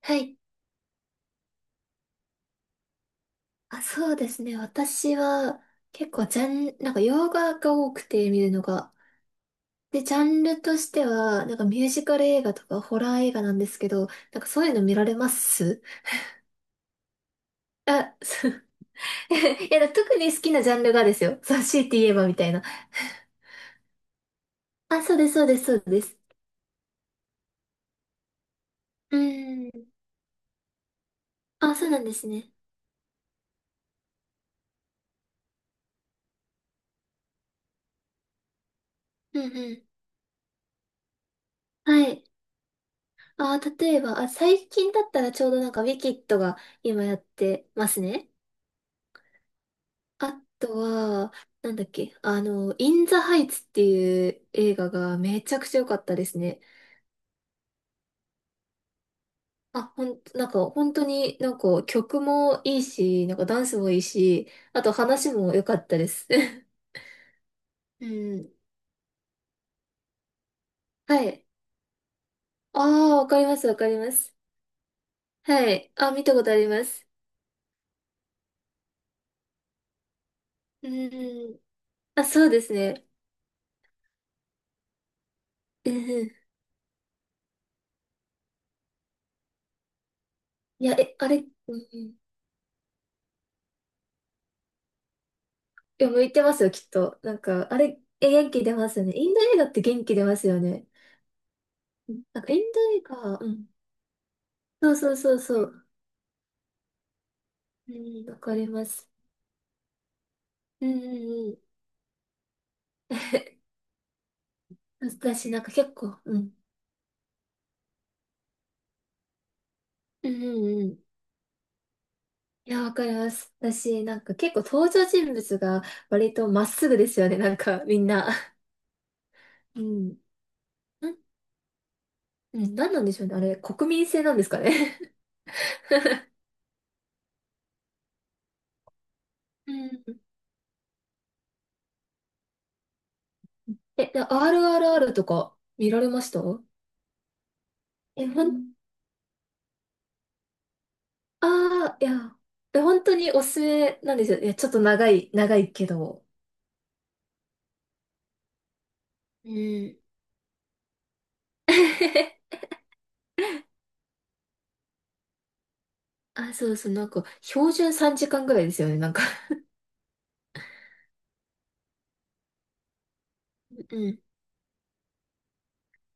はい。そうですね。私は結構ジャン、洋画が多くて見るのが。で、ジャンルとしては、ミュージカル映画とかホラー映画なんですけど、なんかそういうの見られます？ あ、そう。いや、だから特に好きなジャンルがですよ。そう、強いて言えばみたいな。あ、そうです、そうです、そうです。うん。あ、そうなんですね。うんうん。はい。例えば、最近だったらちょうどなんかウィキッドが今やってますね。あとは、なんだっけ、あの、イン・ザ・ハイツっていう映画がめちゃくちゃ良かったですね。なんか本当になんか曲もいいし、なんかダンスもいいし、あと話も良かったです。うん。はい。ああ、わかります、わかります。はい。あ、見たことあります。うん。あ、そうですね。うんうん。いや、え、あれ、うんうん。いや、向いてますよ、きっと。なんか、あれ、え、元気出ますよね。インド映画って元気出ますよね。なんか、エンド映画、うん。そうそうそうそう。うん、わかります。うんうんうん。私、なんか結構、うん。うんうんうん。いや、わかります。私、なんか結構登場人物が割とまっすぐですよね、なんか、みんな。うん。うん、うん、なんなんでしょうね、あれ、国民性なんですかね。うん。え、で RRR とか見られました？え、ほん、ああ、いや、え、本当におすすめなんですよ。ちょっと長いけど。うん。なんか、標準3時間ぐらいですよね、なんか。うん。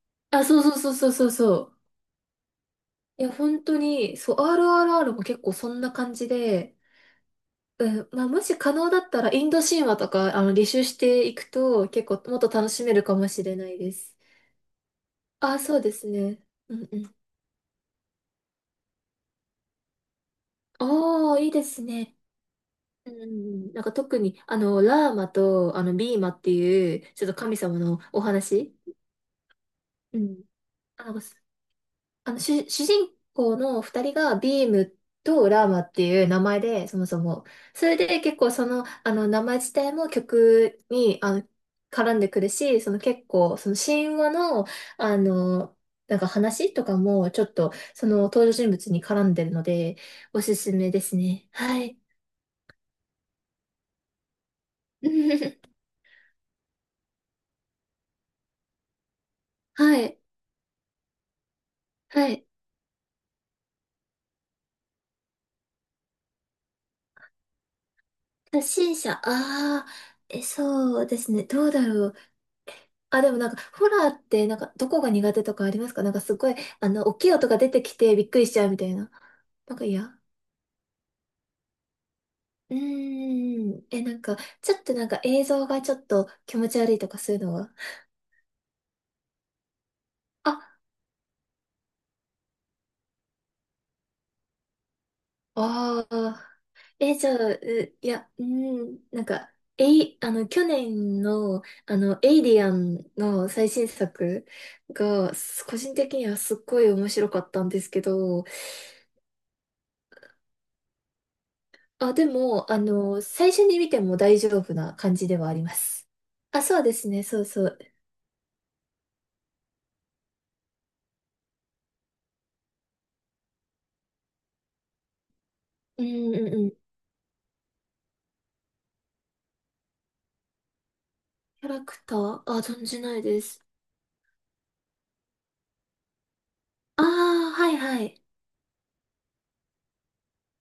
あ、そうそうそうそうそうそう。いや、本当に、そう、RRR も結構そんな感じで、うん、まあ、もし可能だったら、インド神話とか、履修していくと、結構、もっと楽しめるかもしれないです。あ、そうですね。うんうん。ああ、いいですね。うんうん。うん、なんか特に、ラーマと、ビーマっていう、ちょっと神様のお話。うん。あ、なんか主人公の二人がビームとラーマっていう名前で、そもそも。それで結構その、名前自体も曲に、絡んでくるし、その結構、その神話の、あの、なんか話とかも、ちょっと、その登場人物に絡んでるので、おすすめですね。はい。はい。はい。初心者、ああ、そうですね。どうだろう。あ、でもなんか、ホラーって、なんか、どこが苦手とかありますか？なんか、すごい、大きい音が出てきてびっくりしちゃうみたいな。なんか嫌。うーん。え、なんか、ちょっとなんか映像がちょっと気持ち悪いとかそういうのは？あ、ああ。え、じゃあ、ういや、うーん、なんか、えい、あの、去年の、エイリアンの最新作が、個人的にはすっごい面白かったんですけど、あ、でも、最初に見ても大丈夫な感じではあります。あ、そうですね、そうそう。うんうんうん。キャラクター？あ、存じないです。ああ、はいはい。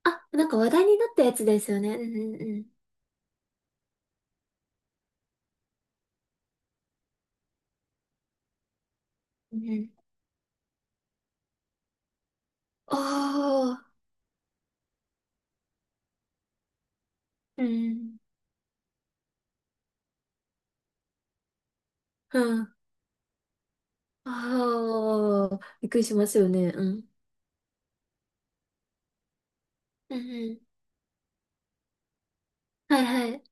あ、なんか話題になったやつですよね。うんうんうん。うん。ああ、うん。うん。ああ、びっくりしますよね。うん。うんうん。はいはい。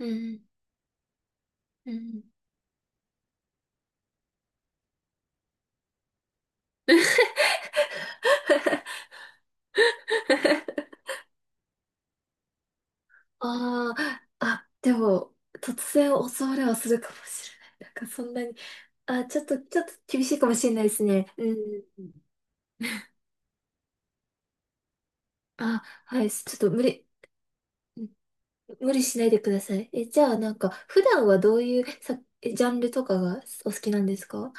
うんうん。ああ、あ、でも、突然襲われはするかもしれない。なんかそんなに、あ、ちょっと、ちょっと厳しいかもしれないですね。うん。あ、はい。ちょっとうん無理しないでください。え、じゃあ、なんか、普段はどういうジャンルとかがお好きなんですか？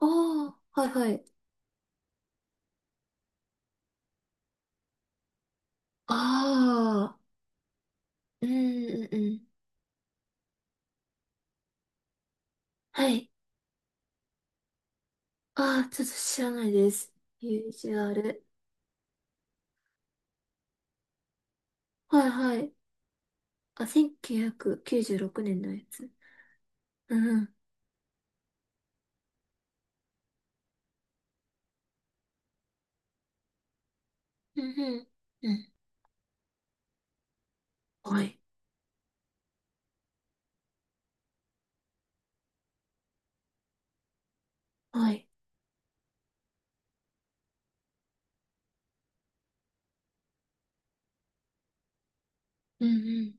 ああー、はいはい。ああ、うんうんうん。はい。ああ、ちょっと知らないです。ユージュアル。はいはい。あ、1996年のやつ。うんうん。うんうん。うん。はい。はい。うん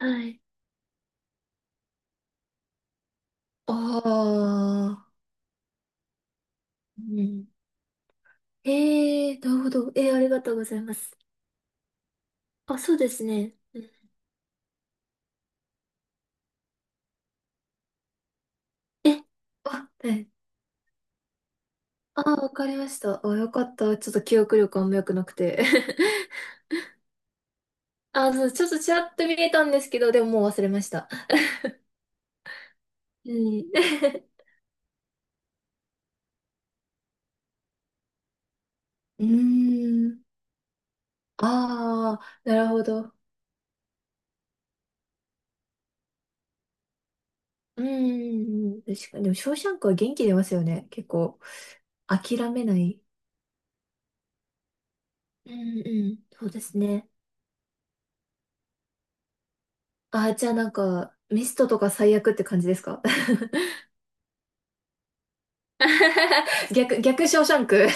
うん。はい。ああ。うん。ええー、なるほど。えー、ありがとうございます。あ、そうですね。うん。え、あ、はい。あー、わかりました。あ、よかった。ちょっと記憶力あんま良くなくて。あ、そう、ちょっとちらっと見えたんですけど、でももう忘れました。うん。うーん。ああ、なるほど。うーん。確かに。でも、ショーシャンクは元気出ますよね。結構、諦めない。うんうん。そうですね。ああ、じゃあなんか、ミストとか最悪って感じですか？ 逆、逆ショーシャンク。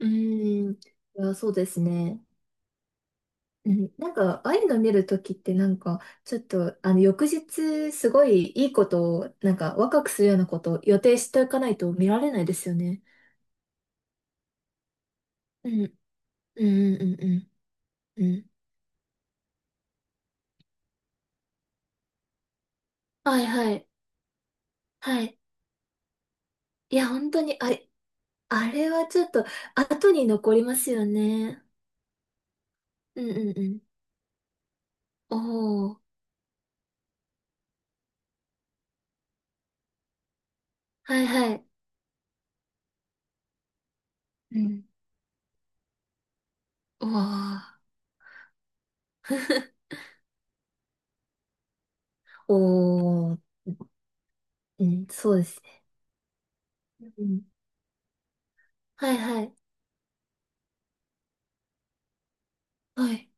うーん。いや、そうですね。うん、なんか、ああいうの見るときって、なんか、ちょっと、翌日、すごいいいことを、なんか、ワクワクするようなことを予定しておかないと見られないですよね。うん。うんうんうんうん。はいはい。はい。いや、本当に、あれはちょっと、後に残りますよね。うんうんうん。おお。はいはい。うん。おお。おー、うん、そうです。うん。はいはい。はい。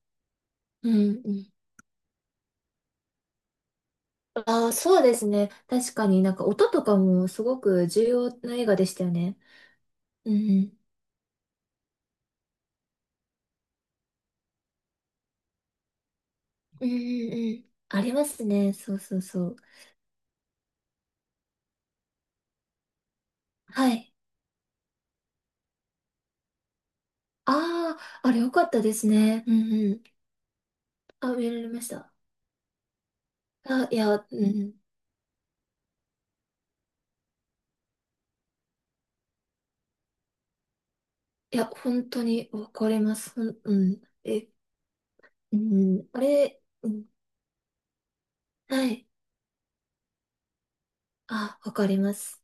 うんうん。ああ、そうですね。確かになんか音とかもすごく重要な映画でしたよね。うんうん。うんうんうんうん。ありますね。そうそうそう。はい。ああ、あれ良かったですね。うんうん。あ、見られました。うんうん。いや、本当にわかります。うん。え、うん。あれ、うん。はい。あ、わかります。